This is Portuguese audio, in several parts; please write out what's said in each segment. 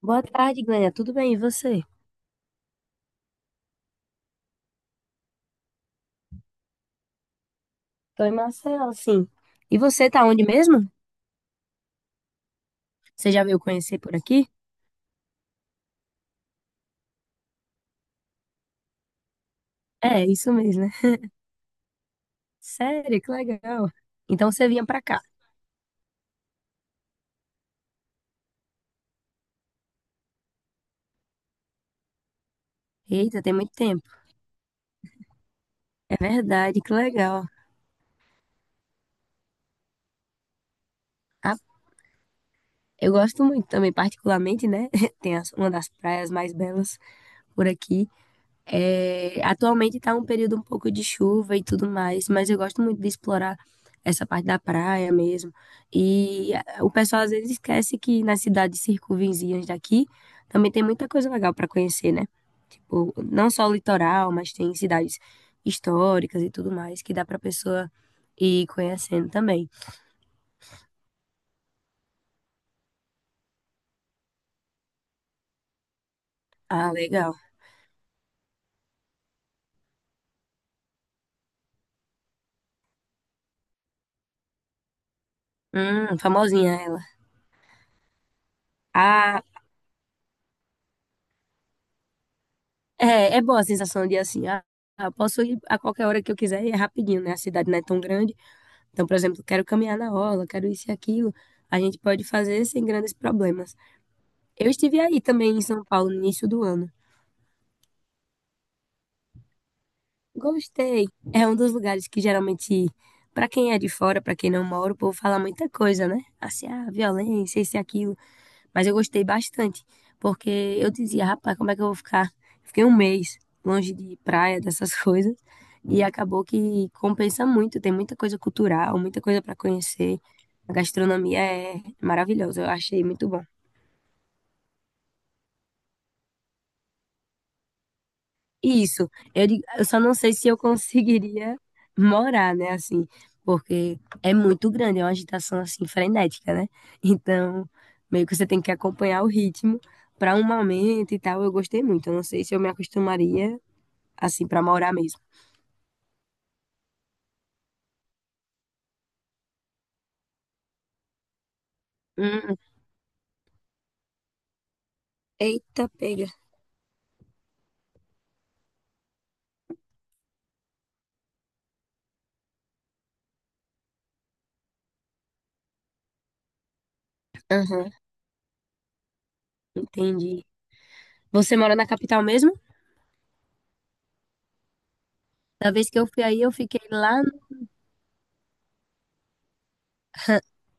Boa tarde, Glênia. Tudo bem? E você? Tô em Maceió, sim. E você tá onde mesmo? Você já veio conhecer por aqui? É, isso mesmo, né? Sério, que legal. Então você vinha pra cá. Eita, tem muito tempo. É verdade, que legal. Ah, eu gosto muito também, particularmente, né? Tem uma das praias mais belas por aqui. É, atualmente tá um período um pouco de chuva e tudo mais, mas eu gosto muito de explorar essa parte da praia mesmo. E o pessoal às vezes esquece que nas cidades circunvizinhas daqui também tem muita coisa legal para conhecer, né? Tipo, não só o litoral, mas tem cidades históricas e tudo mais que dá pra pessoa ir conhecendo também. Ah, legal. Famosinha ela. Ah, é, é boa a sensação de assim, posso ir a qualquer hora que eu quiser e é rapidinho, né? A cidade não é tão grande. Então, por exemplo, quero caminhar na orla, quero isso e aquilo. A gente pode fazer sem grandes problemas. Eu estive aí também em São Paulo no início do ano. Gostei. É um dos lugares que geralmente, para quem é de fora, para quem não mora, o povo fala muita coisa, né? Assim, ah, violência, isso e aquilo. Mas eu gostei bastante, porque eu dizia, rapaz, como é que eu vou ficar? Fiquei um mês longe de praia, dessas coisas, e acabou que compensa muito, tem muita coisa cultural, muita coisa para conhecer. A gastronomia é maravilhosa, eu achei muito bom. Isso, eu só não sei se eu conseguiria morar, né, assim, porque é muito grande, é uma agitação, assim, frenética, né? Então, meio que você tem que acompanhar o ritmo para um momento e tal. Eu gostei muito, eu não sei se eu me acostumaria, assim, para morar mesmo. Hum. Eita, pega. Aham, entendi. Você mora na capital mesmo? Da vez que eu fui aí, eu fiquei lá,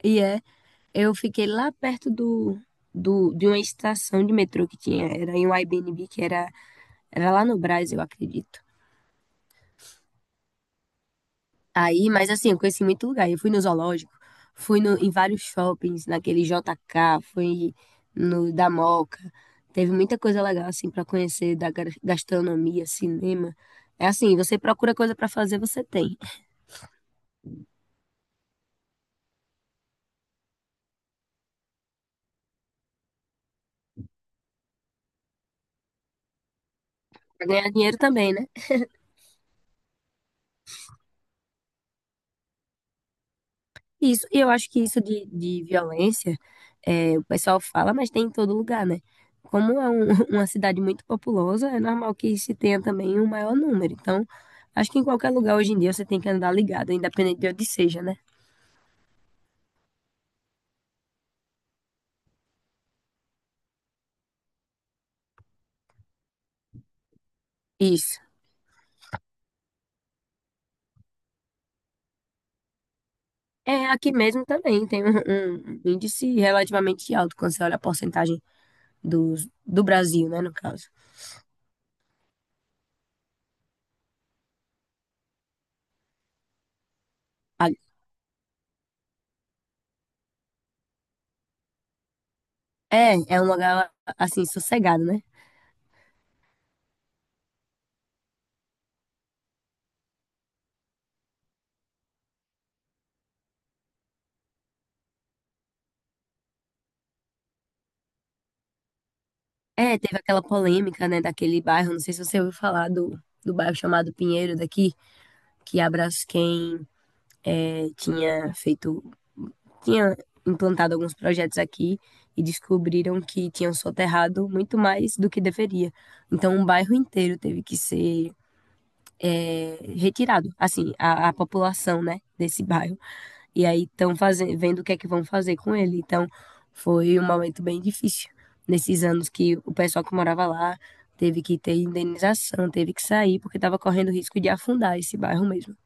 e é, eu fiquei lá perto de uma estação de metrô que tinha, era em um Airbnb, que era. Era lá no Brás, eu acredito. Aí, mas assim, eu conheci muito lugar. Eu fui no zoológico, fui no, em vários shoppings, naquele JK, fui no da Moca. Teve muita coisa legal, assim, pra conhecer da gastronomia, cinema. É assim, você procura coisa pra fazer, você tem. Pra ganhar dinheiro também, né? Isso, e eu acho que isso de violência, é, o pessoal fala, mas tem em todo lugar, né? Como é uma cidade muito populosa, é normal que se tenha também um maior número. Então, acho que em qualquer lugar hoje em dia você tem que andar ligado, independente de onde seja, né? Isso. É, aqui mesmo também tem um índice relativamente alto quando você olha a porcentagem do Brasil, né, no caso. A- É, é um lugar, assim, sossegado, né? É, teve aquela polêmica, né, daquele bairro, não sei se você ouviu falar do bairro chamado Pinheiro daqui, que a Braskem é, tinha feito, tinha implantado alguns projetos aqui e descobriram que tinham soterrado muito mais do que deveria. Então, um bairro inteiro teve que ser é, retirado, assim, a população, né, desse bairro e aí estão fazendo, vendo o que é que vão fazer com ele. Então, foi um momento bem difícil nesses anos que o pessoal que morava lá teve que ter indenização, teve que sair porque estava correndo risco de afundar esse bairro mesmo.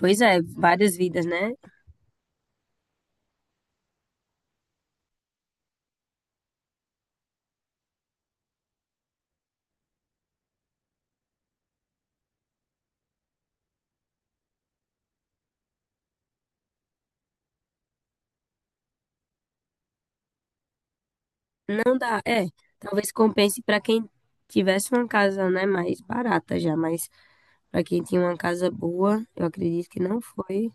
Pois é, várias vidas, né? Não dá, é, talvez compense para quem tivesse uma casa, né, mais barata já, mas para quem tinha uma casa boa, eu acredito que não foi.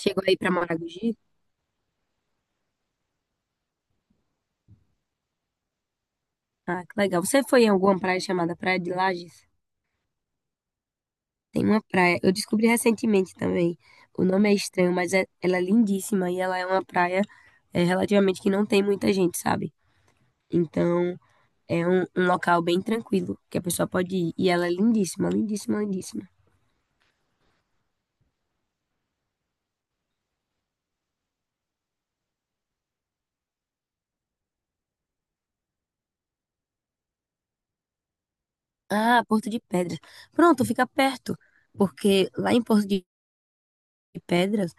Chegou aí para Maragogi? Ah, que legal. Você foi em alguma praia chamada Praia de Lages? Tem uma praia. Eu descobri recentemente também. O nome é estranho, mas ela é lindíssima e ela é uma praia é, relativamente que não tem muita gente, sabe? Então é um local bem tranquilo que a pessoa pode ir. E ela é lindíssima, lindíssima, lindíssima. Ah, Porto de Pedras. Pronto, fica perto. Porque lá em Porto de Pedras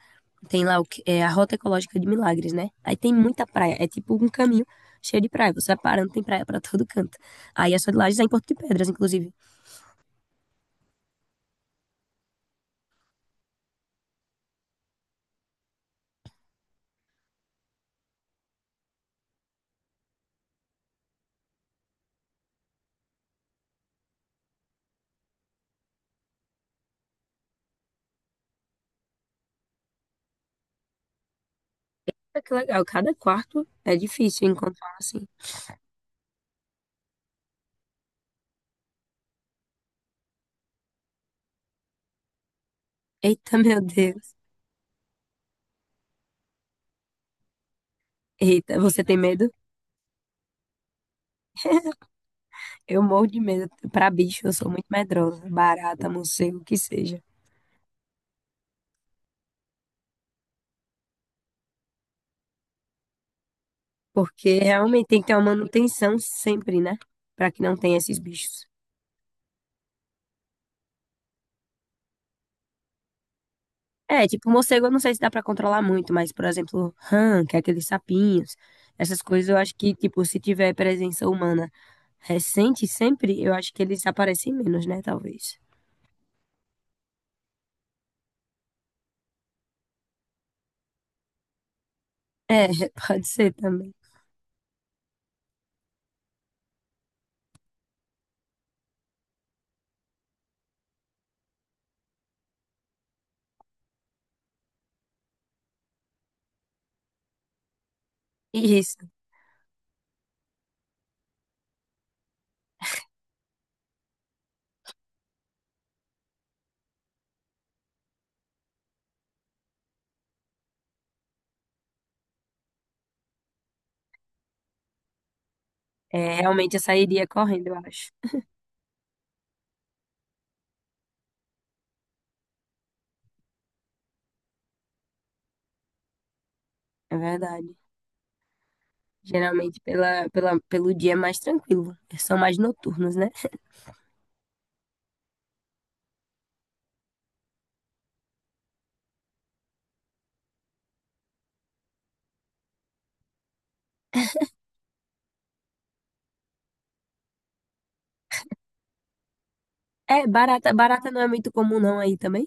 tem lá o que é a Rota Ecológica de Milagres, né? Aí tem muita praia. É tipo um caminho cheio de praia. Você vai parando, tem praia pra todo canto. Aí a sua de Lages é em Porto de Pedras, inclusive. Ah, que legal, cada quarto é difícil encontrar assim. Eita, meu Deus. Eita, você tem medo? Eu morro de medo. Pra bicho, eu sou muito medrosa. Barata, morcego, o que seja. Porque realmente tem que ter uma manutenção sempre, né? Pra que não tenha esses bichos. É, tipo, morcego eu não sei se dá pra controlar muito, mas, por exemplo, rã, que é aqueles sapinhos, essas coisas eu acho que, tipo, se tiver presença humana recente sempre, eu acho que eles aparecem menos, né? Talvez. É, pode ser também. Isso. É, realmente eu sairia correndo, eu acho. É verdade. Geralmente pelo dia é mais tranquilo. São mais noturnos, né? É, barata não é muito comum não aí também.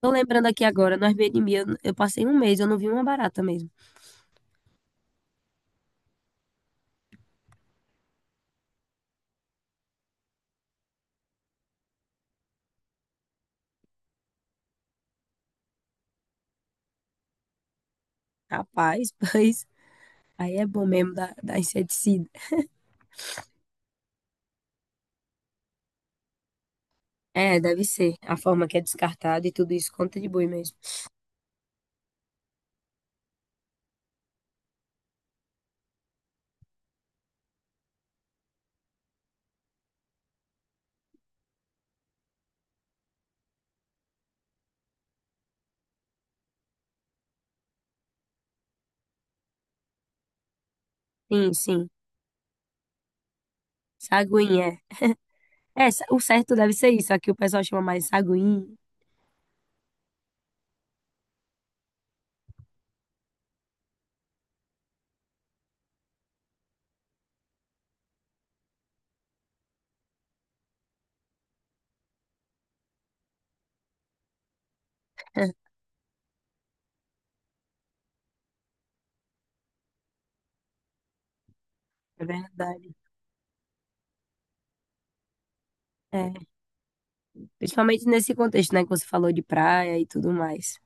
Tô lembrando aqui agora, no Airbnb eu passei um mês, eu não vi uma barata mesmo. Rapaz, pois aí é bom mesmo da inseticida. É, deve ser. A forma que é descartada e tudo isso contribui mesmo. Sim, sim. Saguinha. É, é, o certo deve ser isso. Aqui o pessoal chama mais saguinha. É verdade. É principalmente nesse contexto, né, que você falou de praia e tudo mais.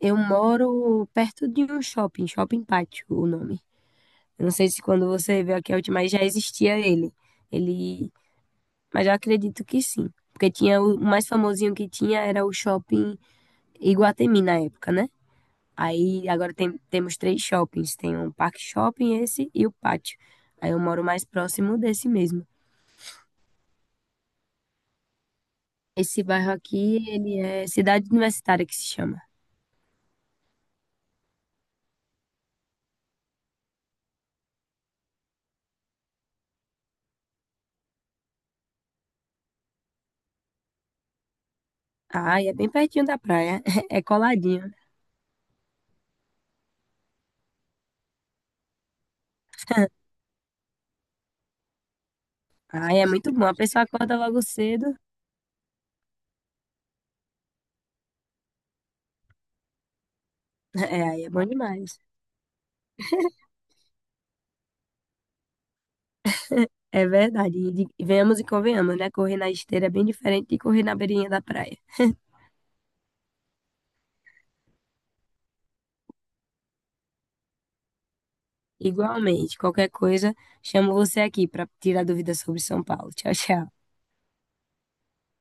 Eu moro perto de um shopping, Shopping Pátio, o nome. Eu não sei se quando você veio aqui a última vez já existia ele. Ele, mas eu acredito que sim, porque tinha o mais famosinho que tinha era o Shopping Iguatemi na época, né? Aí agora temos três shoppings, tem um Parque Shopping, esse e o Pátio. Aí eu moro mais próximo desse mesmo. Esse bairro aqui, ele é Cidade Universitária que se chama. Ai, é bem pertinho da praia. É coladinho. Ai, é muito bom. A pessoa acorda logo cedo. É, aí é bom demais. É verdade. E venhamos e convenhamos, né? Correr na esteira é bem diferente de correr na beirinha da praia. Igualmente, qualquer coisa, chamo você aqui para tirar dúvidas sobre São Paulo. Tchau, tchau.